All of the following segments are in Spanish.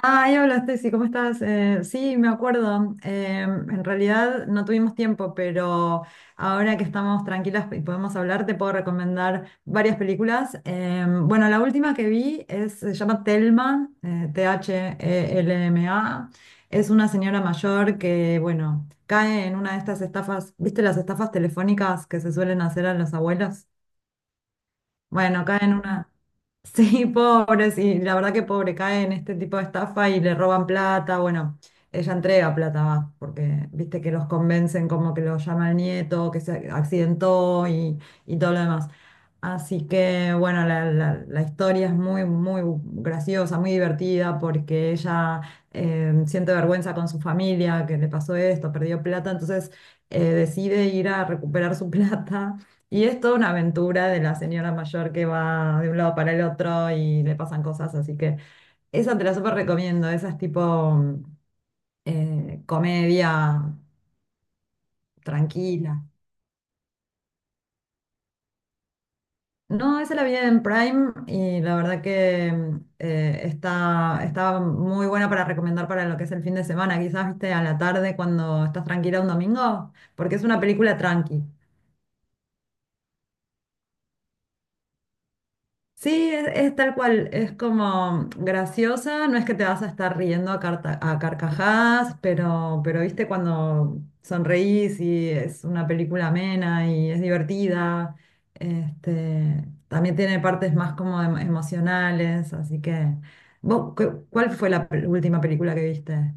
Ah, ya hablaste, sí, ¿cómo estás? Sí, me acuerdo. En realidad no tuvimos tiempo, pero ahora que estamos tranquilas y podemos hablar, te puedo recomendar varias películas. Bueno, la última que vi es, se llama Thelma, Thelma. Es una señora mayor que, bueno, cae en una de estas estafas, ¿viste las estafas telefónicas que se suelen hacer a las abuelas? Bueno, cae en una... Sí, pobre, sí, la verdad que pobre, cae en este tipo de estafa y le roban plata. Bueno, ella entrega plata, va, porque viste que los convencen como que lo llama el nieto, que se accidentó y todo lo demás. Así que, bueno, la historia es muy, muy graciosa, muy divertida, porque ella siente vergüenza con su familia, que le pasó esto, perdió plata, entonces decide ir a recuperar su plata y es toda una aventura de la señora mayor que va de un lado para el otro y le pasan cosas, así que esa te la súper recomiendo, esa es tipo comedia tranquila. No, esa la vi en Prime y la verdad que está muy buena para recomendar para lo que es el fin de semana, quizás viste a la tarde cuando estás tranquila un domingo, porque es una película tranqui. Sí, es tal cual, es como graciosa, no es que te vas a estar riendo a carcajadas, pero viste cuando sonreís y es una película amena y es divertida, este, también tiene partes más como emocionales, así que, ¿vos cuál fue la última película que viste?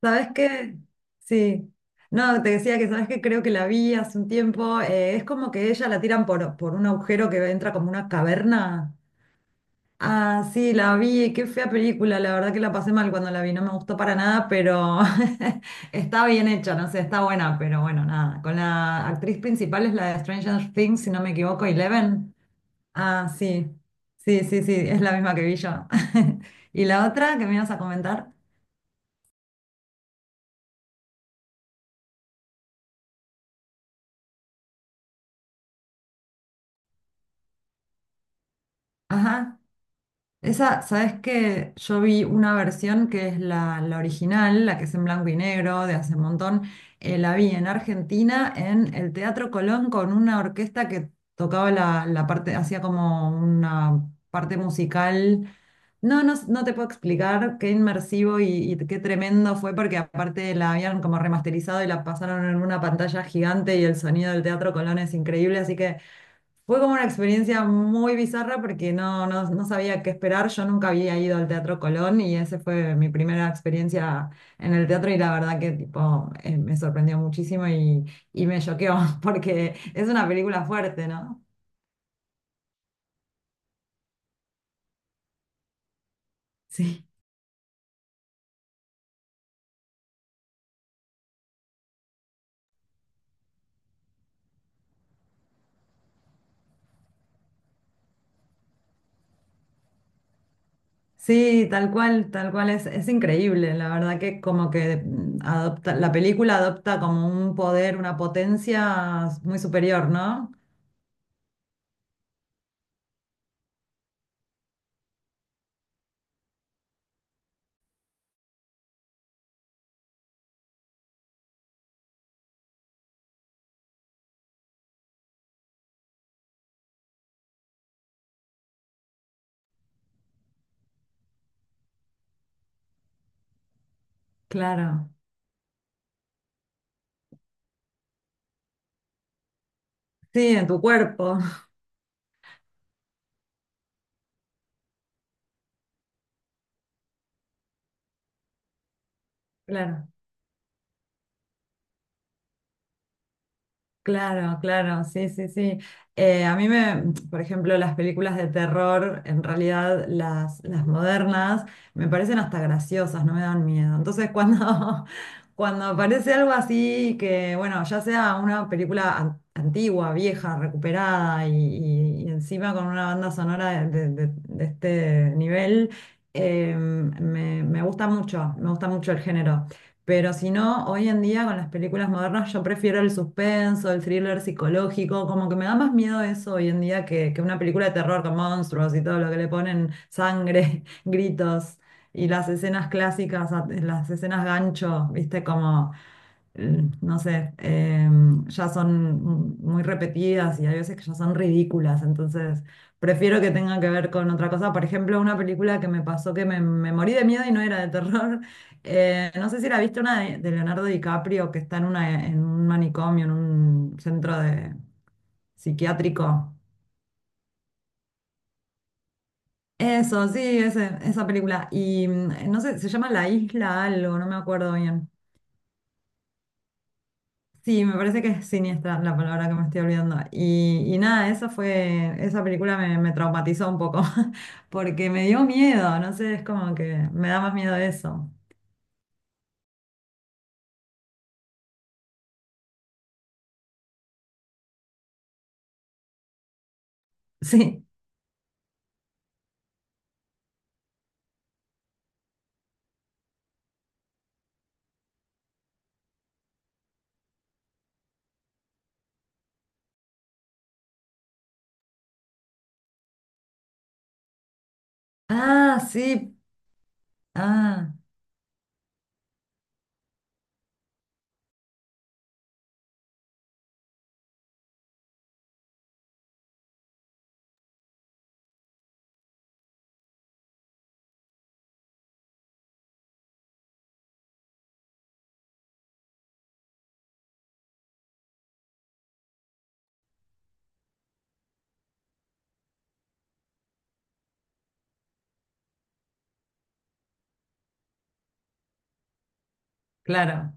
¿Sabes qué? Sí. No, te decía que sabes que creo que la vi hace un tiempo. Es como que ella la tiran por, un agujero que entra como una caverna. Ah, sí, la vi, qué fea película, la verdad que la pasé mal cuando la vi, no me gustó para nada, pero está bien hecha, no sé, está buena, pero bueno, nada. Con la actriz principal es la de Stranger Things, si no me equivoco, Eleven. Ah, sí, sí, sí, sí, es la misma que vi yo. ¿Y la otra que me ibas a comentar? Ajá. Esa, ¿sabes qué? Yo vi una versión que es la original, la que es en blanco y negro, de hace un montón. La vi en Argentina, en el Teatro Colón, con una orquesta que tocaba la parte, hacía como una parte musical. No, no, no te puedo explicar qué inmersivo y qué tremendo fue, porque aparte la habían como remasterizado y la pasaron en una pantalla gigante y el sonido del Teatro Colón es increíble, así que... Fue como una experiencia muy bizarra porque no sabía qué esperar. Yo nunca había ido al Teatro Colón y esa fue mi primera experiencia en el teatro y la verdad que tipo, me sorprendió muchísimo y me choqueó porque es una película fuerte, ¿no? Sí. Sí, tal cual es increíble. La verdad que como que la película adopta como un poder, una potencia muy superior, ¿no? Claro. Sí, en tu cuerpo. Claro. Claro, claro, sí, sí, sí. A mí me, por ejemplo, las películas de terror, en realidad las modernas, me parecen hasta graciosas, no me dan miedo. Entonces, cuando, cuando aparece algo así que, bueno, ya sea una película antigua, vieja, recuperada y encima con una banda sonora de este nivel, me gusta mucho, me gusta mucho el género. Pero si no, hoy en día con las películas modernas yo prefiero el suspenso, el thriller psicológico, como que me da más miedo eso hoy en día que una película de terror con monstruos y todo lo que le ponen sangre, gritos y las escenas clásicas, las escenas gancho, viste, como, no sé, ya son muy repetidas y hay veces que ya son ridículas, entonces prefiero que tenga que ver con otra cosa. Por ejemplo, una película que me pasó que me morí de miedo y no era de terror no sé si la viste una de Leonardo DiCaprio que está en un manicomio, en un centro de psiquiátrico. Eso, sí, esa película. Y no sé, se llama La Isla algo, no me acuerdo bien. Sí, me parece que es siniestra la palabra que me estoy olvidando. Y nada, esa película me traumatizó un poco, porque me dio miedo, no sé, es como que me da más miedo eso. Sí. Ah, sí. Ah, claro.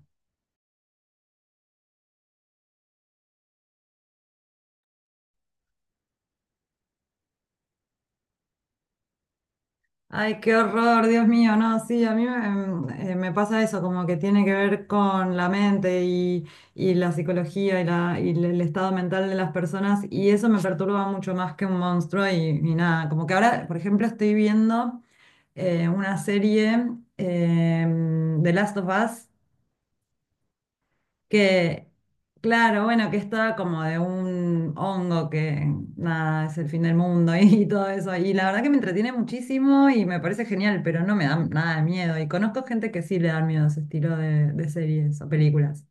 Ay, qué horror, Dios mío, no, sí, a mí me pasa eso, como que tiene que ver con la mente y la psicología y el estado mental de las personas y eso me perturba mucho más que un monstruo y nada, como que ahora, por ejemplo, estoy viendo una serie The Last of Us que, claro, bueno, que estaba como de un hongo que nada, es el fin del mundo y, todo eso. Y la verdad que me entretiene muchísimo y me parece genial, pero no me da nada de miedo. Y conozco gente que sí le da miedo ese estilo de series o películas.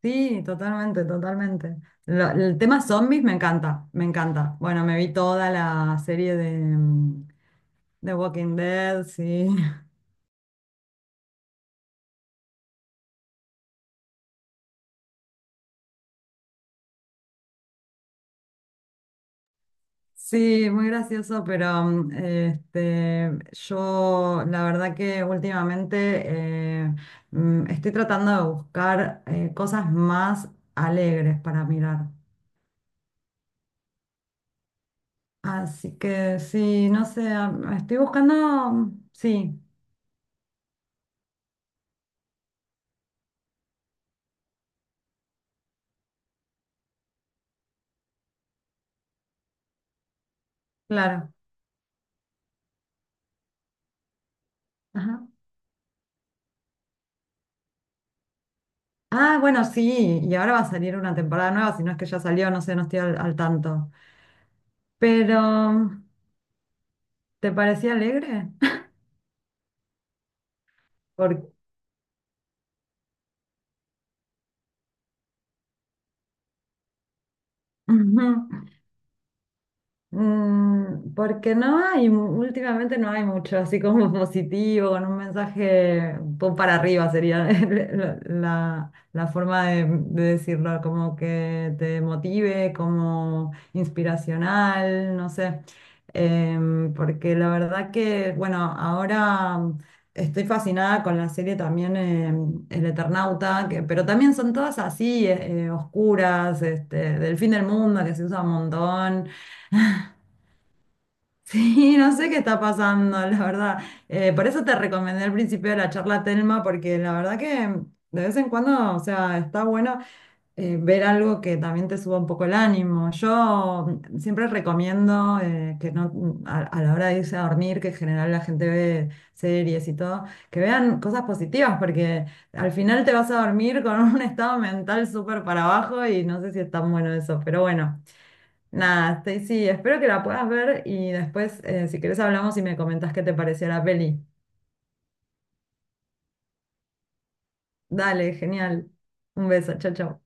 Sí, totalmente, totalmente. El tema zombies me encanta, me encanta. Bueno, me vi toda la serie de The Walking Dead, sí. Sí, muy gracioso, pero este, yo la verdad que últimamente eh, estoy tratando de buscar cosas más alegres para mirar. Así que sí, no sé, estoy buscando, sí, claro. Ajá. Ah, bueno, sí, y ahora va a salir una temporada nueva, si no es que ya salió, no sé, no estoy al tanto. Pero, ¿te parecía alegre? Porque... Porque no hay, últimamente no hay mucho así como positivo, con un mensaje un poco para arriba sería la forma de decirlo, como que te motive, como inspiracional, no sé. Porque la verdad que, bueno, ahora estoy fascinada con la serie también El Eternauta, que, pero también son todas así, oscuras, este, del fin del mundo, que se usa un montón. Sí, no sé qué está pasando, la verdad. Por eso te recomendé al principio de la charla Telma, porque la verdad que de vez en cuando, o sea, está bueno ver algo que también te suba un poco el ánimo. Yo siempre recomiendo que no, a la hora de irse a dormir, que en general la gente ve series y todo, que vean cosas positivas, porque al final te vas a dormir con un estado mental súper para abajo y no sé si es tan bueno eso, pero bueno. Nada, Stacy, espero que la puedas ver y después, si querés, hablamos y me comentás qué te pareció la peli. Dale, genial. Un beso, chao, chao.